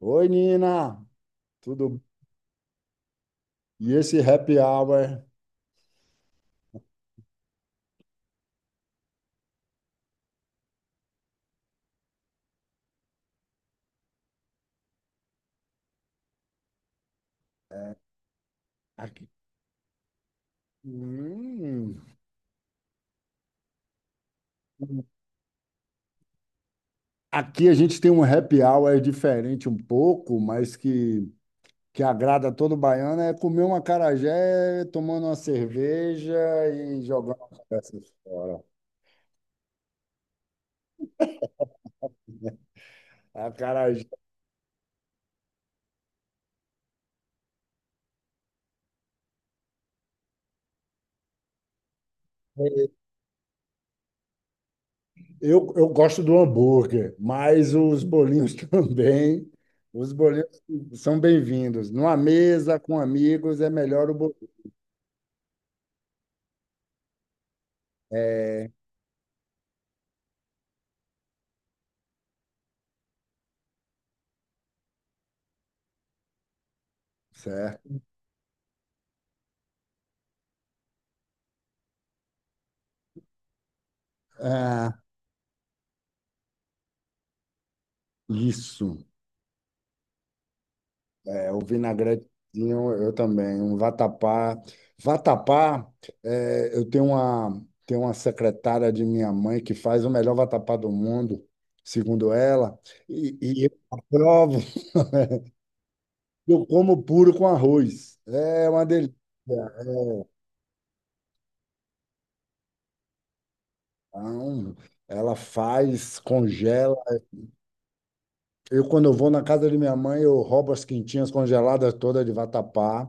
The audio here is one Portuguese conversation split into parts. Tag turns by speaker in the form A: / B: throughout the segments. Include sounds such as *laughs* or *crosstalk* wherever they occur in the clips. A: Oi, Nina, tudo? E esse happy hour? É. Aqui. Hum. Aqui a gente tem um happy hour diferente um pouco, mas que agrada todo baiano, é comer um acarajé, tomando uma cerveja e jogando as peças fora. *laughs* A eu gosto do hambúrguer, mas os bolinhos *laughs* também. Os bolinhos são bem-vindos. Numa mesa com amigos é melhor o bolinho. É, certo. Ah, isso. É, o vinagretinho eu também. Um vatapá. Vatapá, eu tenho uma secretária de minha mãe que faz o melhor vatapá do mundo, segundo ela, e eu aprovo. Eu como puro com arroz. É uma delícia. Não, ela faz, congela. Quando eu vou na casa de minha mãe, eu roubo as quintinhas congeladas todas de vatapá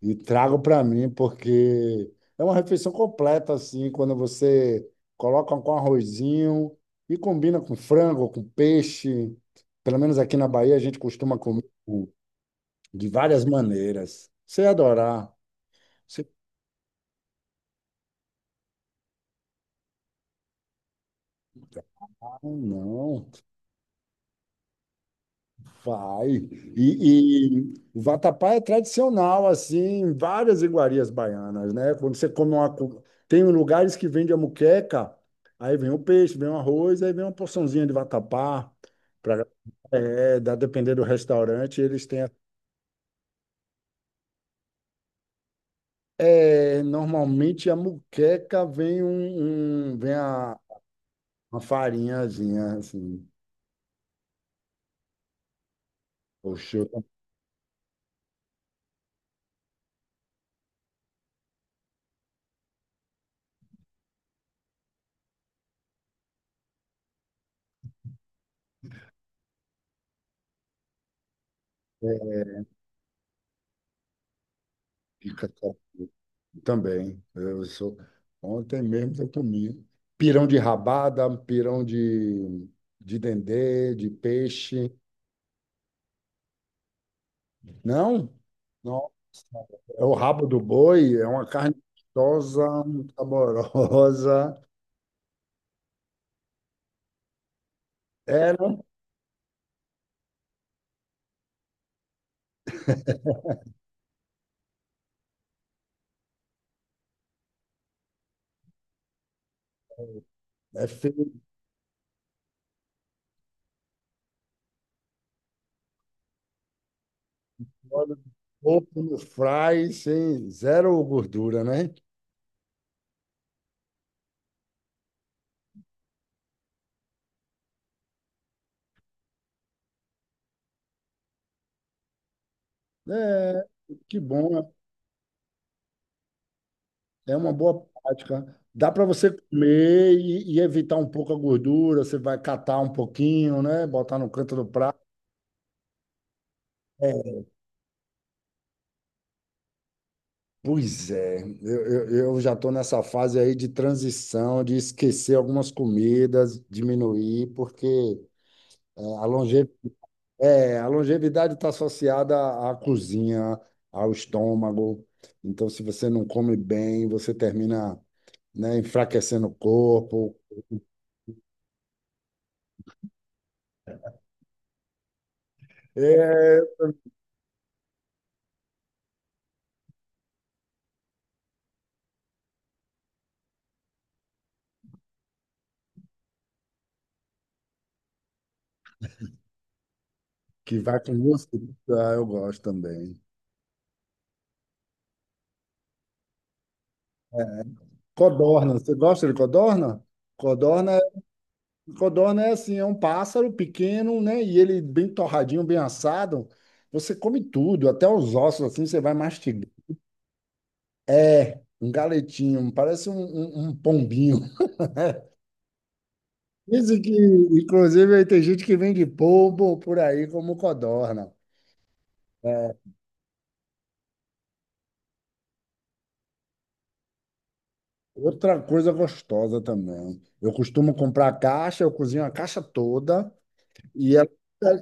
A: e trago para mim, porque é uma refeição completa, assim, quando você coloca com arrozinho e combina com frango, com peixe. Pelo menos aqui na Bahia, a gente costuma comer de várias maneiras. Você ia adorar. Você. Ah, não. Vai. E o vatapá é tradicional, assim, em várias iguarias baianas, né? Quando você come uma. Tem lugares que vende a muqueca, aí vem o peixe, vem o arroz, aí vem uma porçãozinha de vatapá. Pra... É, depender do restaurante, eles têm. É, normalmente a muqueca vem uma farinhazinha, assim. Poxa, eu também. Também. Ontem mesmo eu comi pirão de rabada, pirão de dendê, de peixe. Não? Nossa, é o rabo do boi, é uma carne gostosa, saborosa. Era É feito óleo de porco no fry, sem zero gordura, né? É, que bom. É uma boa prática. Dá para você comer e evitar um pouco a gordura, você vai catar um pouquinho, né? Botar no canto do prato. É, pois é, eu já estou nessa fase aí de transição, de esquecer algumas comidas, diminuir, porque é, a longe, a longevidade está associada à cozinha, ao estômago. Então, se você não come bem, você termina, né, enfraquecendo o corpo. É. Que vai com música. Ah, eu gosto também. Codorna, você gosta de codorna? Codorna, é- codorna é assim, é um pássaro pequeno, né? E ele bem torradinho, bem assado. Você come tudo, até os ossos, assim, você vai mastigar. É. Um galetinho, parece um pombinho. Dizem que, inclusive, aí tem gente que vende polvo por aí como codorna. É. Outra coisa gostosa também. Eu costumo comprar a caixa, eu cozinho a caixa toda, E, ela,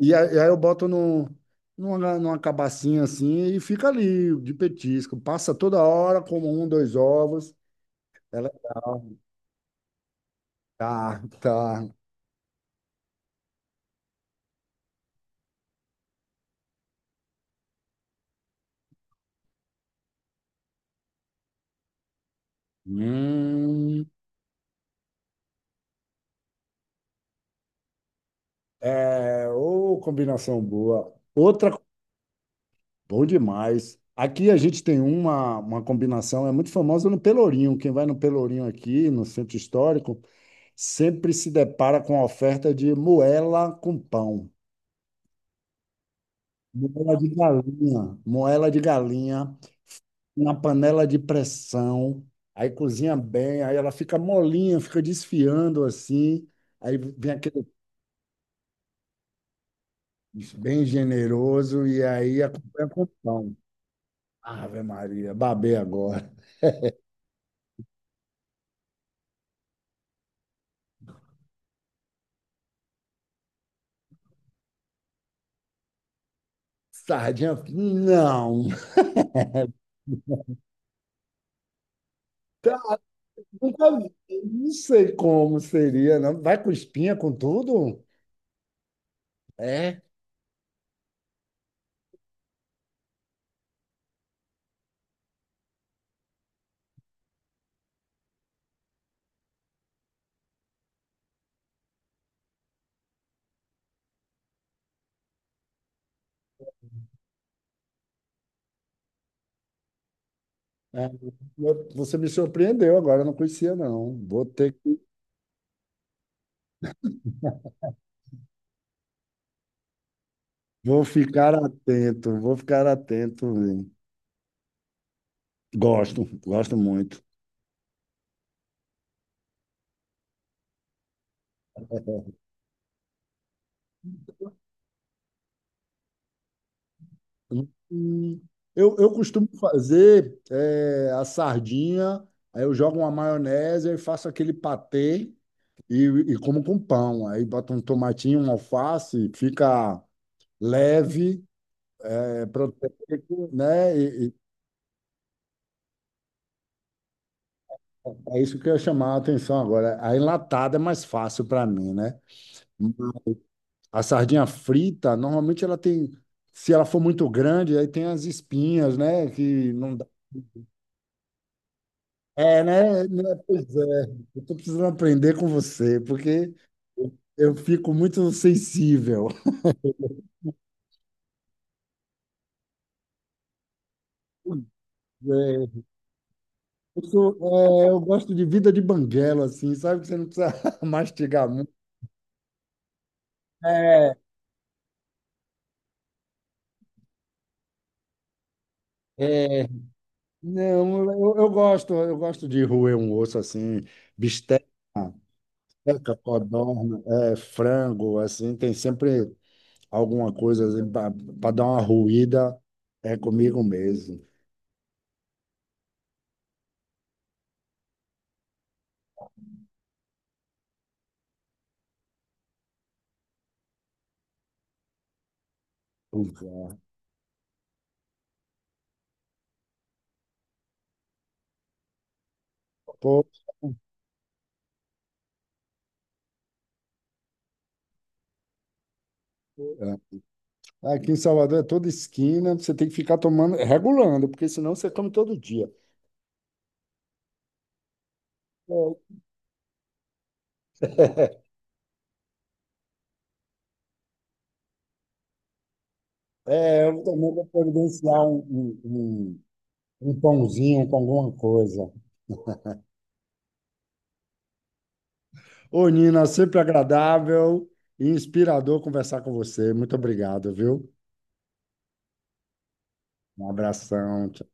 A: e aí eu boto no, numa, numa cabacinha assim e fica ali de petisco. Passa toda hora, como um, dois ovos. É legal, tá, tá. Hum, ô, combinação boa. Bom demais. Aqui a gente tem uma combinação, é muito famosa no Pelourinho. Quem vai no Pelourinho aqui, no centro histórico, sempre se depara com a oferta de moela com pão. Moela de galinha na panela de pressão, aí cozinha bem, aí ela fica molinha, fica desfiando assim, aí vem aquele bem generoso e aí acompanha com pão. Ave Maria, babei agora. Sardinha, não. Tá, nunca vi. Não sei como seria, não. Vai com espinha, com tudo? É, é. Você me surpreendeu agora, eu não conhecia não. Vou ficar atento, vou ficar atento, velho. Gosto, gosto muito. Hum, eu costumo fazer a sardinha, aí eu jogo uma maionese e faço aquele patê e, e como com pão. Aí boto um tomatinho, um alface, fica leve, proteico, né? E é isso que eu ia chamar a atenção agora. A enlatada é mais fácil para mim, né? A sardinha frita, normalmente ela tem, se ela for muito grande, aí tem as espinhas, né? Que não dá. É, né? Né, pois é. Eu tô precisando aprender com você, porque eu fico muito sensível. Pois é. Eu sou- eu gosto de vida de banguela, assim, sabe? Que você não precisa *laughs* mastigar muito. É, é. Não, eu gosto de roer um osso assim, bisteca, codorna, frango, assim, tem sempre. Alguma coisa assim, para dar uma ruída, é comigo mesmo. Pô, é. Aqui em Salvador é toda esquina, você tem que ficar tomando, regulando, porque senão você come todo dia. É, é, eu também vou providenciar um pãozinho com alguma coisa. Ô, Nina, sempre agradável e inspirador conversar com você. Muito obrigado, viu? Um abração. Tchau.